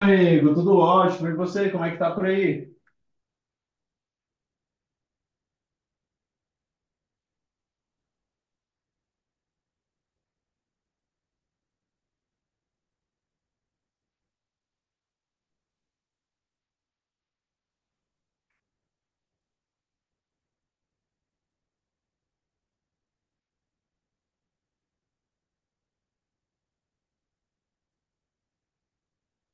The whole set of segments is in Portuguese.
Amigo, tudo ótimo. E você, como é que tá por aí?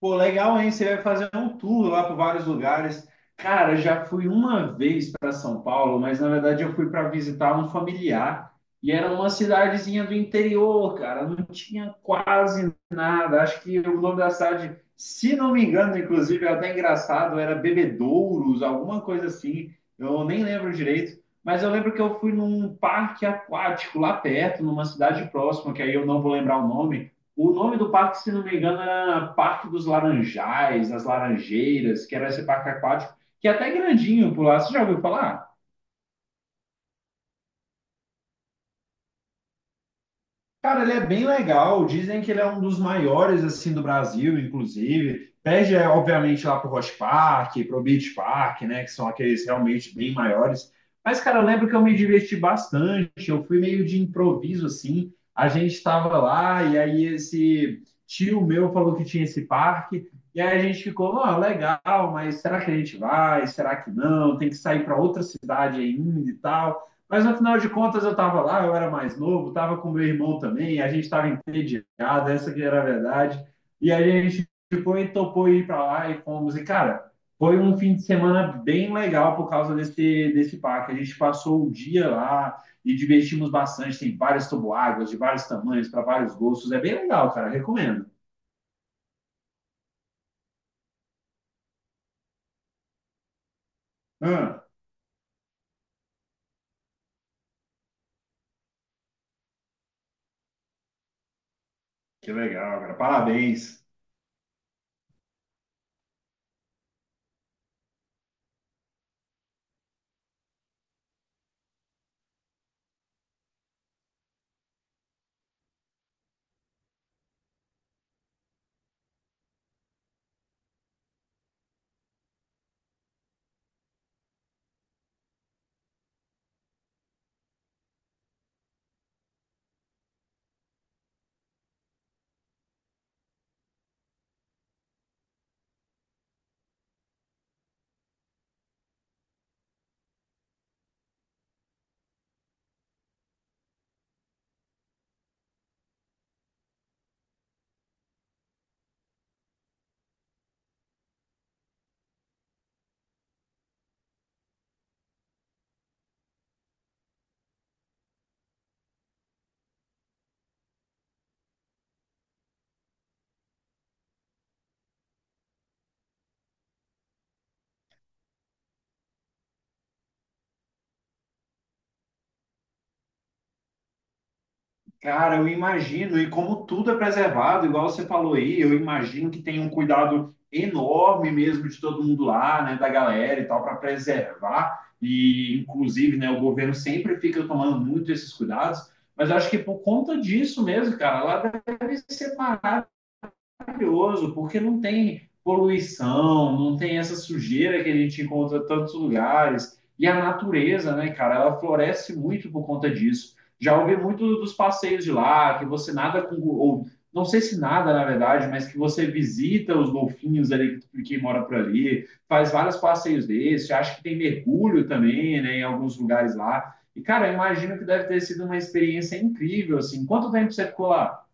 Pô, legal, hein? Você vai fazer um tour lá por vários lugares. Cara, já fui uma vez para São Paulo, mas na verdade eu fui para visitar um familiar e era uma cidadezinha do interior, cara. Não tinha quase nada. Acho que o nome da cidade, se não me engano, inclusive, é até engraçado, era Bebedouros, alguma coisa assim. Eu nem lembro direito. Mas eu lembro que eu fui num parque aquático lá perto, numa cidade próxima, que aí eu não vou lembrar o nome. O nome do parque, se não me engano, era Parque dos Laranjais, das Laranjeiras, que era esse parque aquático, que é até grandinho por lá. Você já ouviu falar? Cara, ele é bem legal. Dizem que ele é um dos maiores assim do Brasil, inclusive. Perde, é, obviamente, lá pro Rock Park, pro Beach Park, né? Que são aqueles realmente bem maiores. Mas, cara, eu lembro que eu me diverti bastante. Eu fui meio de improviso, assim. A gente estava lá e aí esse tio meu falou que tinha esse parque. E aí a gente ficou, ó, legal, mas será que a gente vai? Será que não? Tem que sair para outra cidade ainda e tal. Mas no final de contas eu estava lá, eu era mais novo, estava com meu irmão também, a gente estava entediado, essa que era a verdade. E aí a gente foi topou ir para lá e fomos. E cara, foi um fim de semana bem legal por causa desse parque. A gente passou o dia lá e divertimos bastante. Tem várias toboáguas de vários tamanhos, para vários gostos. É bem legal, cara, recomendo. Ah, que legal, cara, parabéns. Cara, eu imagino, e como tudo é preservado, igual você falou aí, eu imagino que tem um cuidado enorme mesmo de todo mundo lá, né, da galera e tal, para preservar. E, inclusive, né, o governo sempre fica tomando muito esses cuidados, mas eu acho que por conta disso mesmo, cara, lá deve separar maravilhoso, porque não tem poluição, não tem essa sujeira que a gente encontra em tantos lugares. E a natureza, né, cara, ela floresce muito por conta disso. Já ouvi muito dos passeios de lá, que você nada com, ou não sei se nada, na verdade, mas que você visita os golfinhos ali que mora por ali, faz vários passeios desses, acho que tem mergulho também, né, em alguns lugares lá. E, cara, eu imagino que deve ter sido uma experiência incrível, assim. Quanto tempo você ficou lá?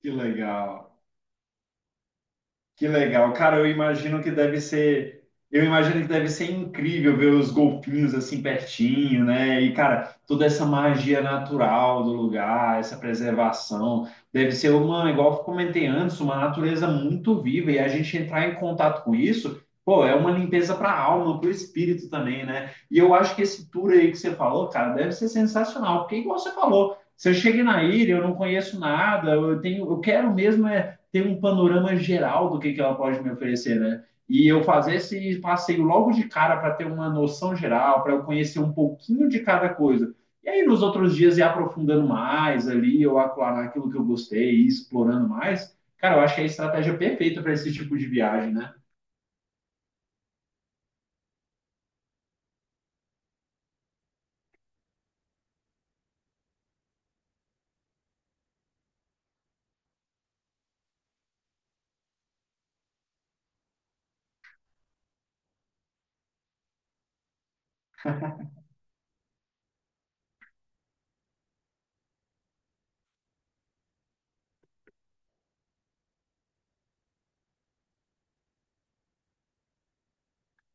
Que legal. Que legal. Cara, eu imagino que deve ser. Eu imagino que deve ser incrível ver os golfinhos assim pertinho, né? E, cara, toda essa magia natural do lugar, essa preservação. Deve ser uma, igual eu comentei antes, uma natureza muito viva. E a gente entrar em contato com isso, pô, é uma limpeza para a alma, para o espírito também, né? E eu acho que esse tour aí que você falou, cara, deve ser sensacional. Porque, igual você falou, se eu cheguei na ilha, eu não conheço nada, eu tenho, eu quero mesmo é ter um panorama geral do que ela pode me oferecer, né? E eu fazer esse passeio logo de cara para ter uma noção geral, para eu conhecer um pouquinho de cada coisa. E aí, nos outros dias, ir aprofundando mais ali, eu aclarar aquilo que eu gostei, ir explorando mais. Cara, eu acho que é a estratégia perfeita para esse tipo de viagem, né?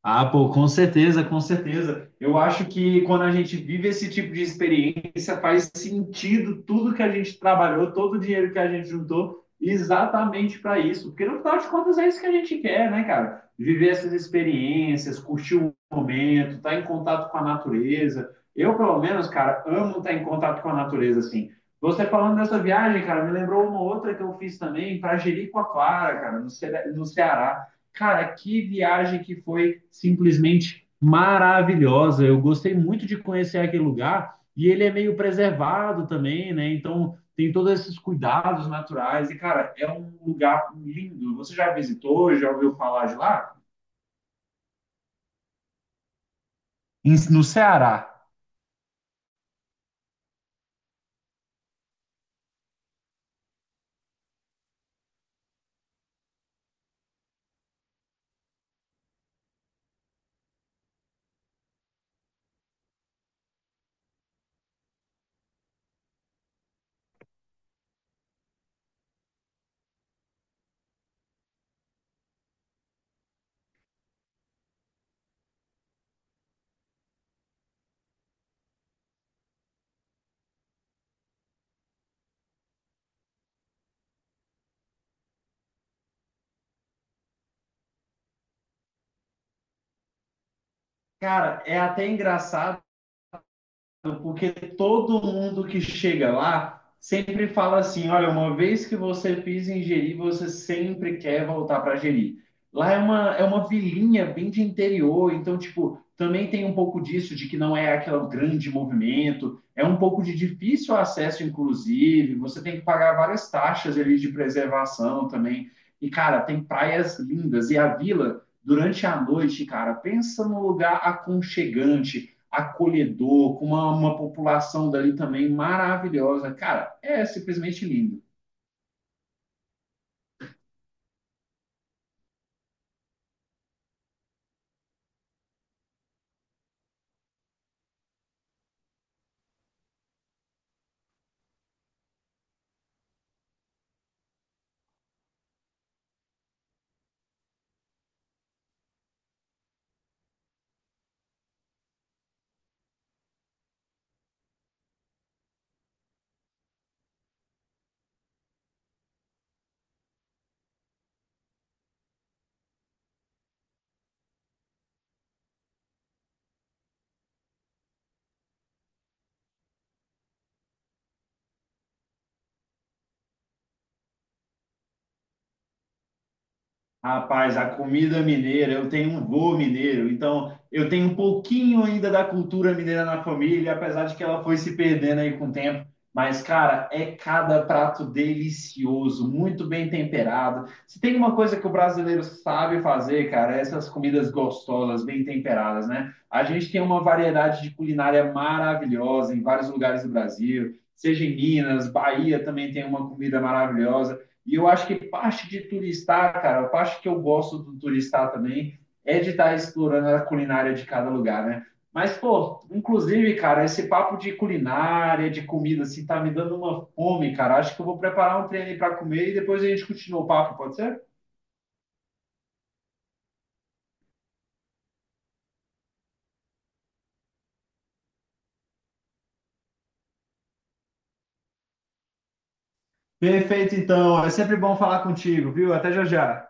Ah, pô, com certeza, com certeza. Eu acho que quando a gente vive esse tipo de experiência, faz sentido tudo que a gente trabalhou, todo o dinheiro que a gente juntou, exatamente para isso. Porque no final de contas é isso que a gente quer, né, cara? Viver essas experiências, curtir o momento, estar em contato com a natureza. Eu, pelo menos, cara, amo estar em contato com a natureza, assim. Você falando dessa viagem, cara, me lembrou uma outra que eu fiz também para Jericoacoara, cara, no Ceará. Cara, que viagem que foi simplesmente maravilhosa. Eu gostei muito de conhecer aquele lugar e ele é meio preservado também, né? Então tem todos esses cuidados naturais. E, cara, é um lugar lindo. Você já visitou, já ouviu falar de lá? No Ceará. Cara, é até engraçado porque todo mundo que chega lá sempre fala assim: olha, uma vez que você pisa em Jeri, você sempre quer voltar para Jeri. Lá é é uma vilinha bem de interior, então, tipo, também tem um pouco disso, de que não é aquele grande movimento, é um pouco de difícil acesso, inclusive, você tem que pagar várias taxas ali de preservação também. E, cara, tem praias lindas, e a vila, durante a noite, cara, pensa num lugar aconchegante acolhedor, com uma população dali também maravilhosa. Cara, é simplesmente lindo. Rapaz, a comida mineira, eu tenho um vô mineiro, então eu tenho um pouquinho ainda da cultura mineira na família, apesar de que ela foi se perdendo aí com o tempo. Mas, cara, é cada prato delicioso, muito bem temperado. Se tem uma coisa que o brasileiro sabe fazer, cara, é essas comidas gostosas, bem temperadas, né? A gente tem uma variedade de culinária maravilhosa em vários lugares do Brasil, seja em Minas, Bahia também tem uma comida maravilhosa. E eu acho que parte de turistar, cara, a parte que eu gosto do turistar também é de estar explorando a culinária de cada lugar, né? Mas, pô, inclusive, cara, esse papo de culinária, de comida, assim, tá me dando uma fome, cara. Acho que eu vou preparar um treino para comer e depois a gente continua o papo, pode ser? Perfeito, então. É sempre bom falar contigo, viu? Até já já.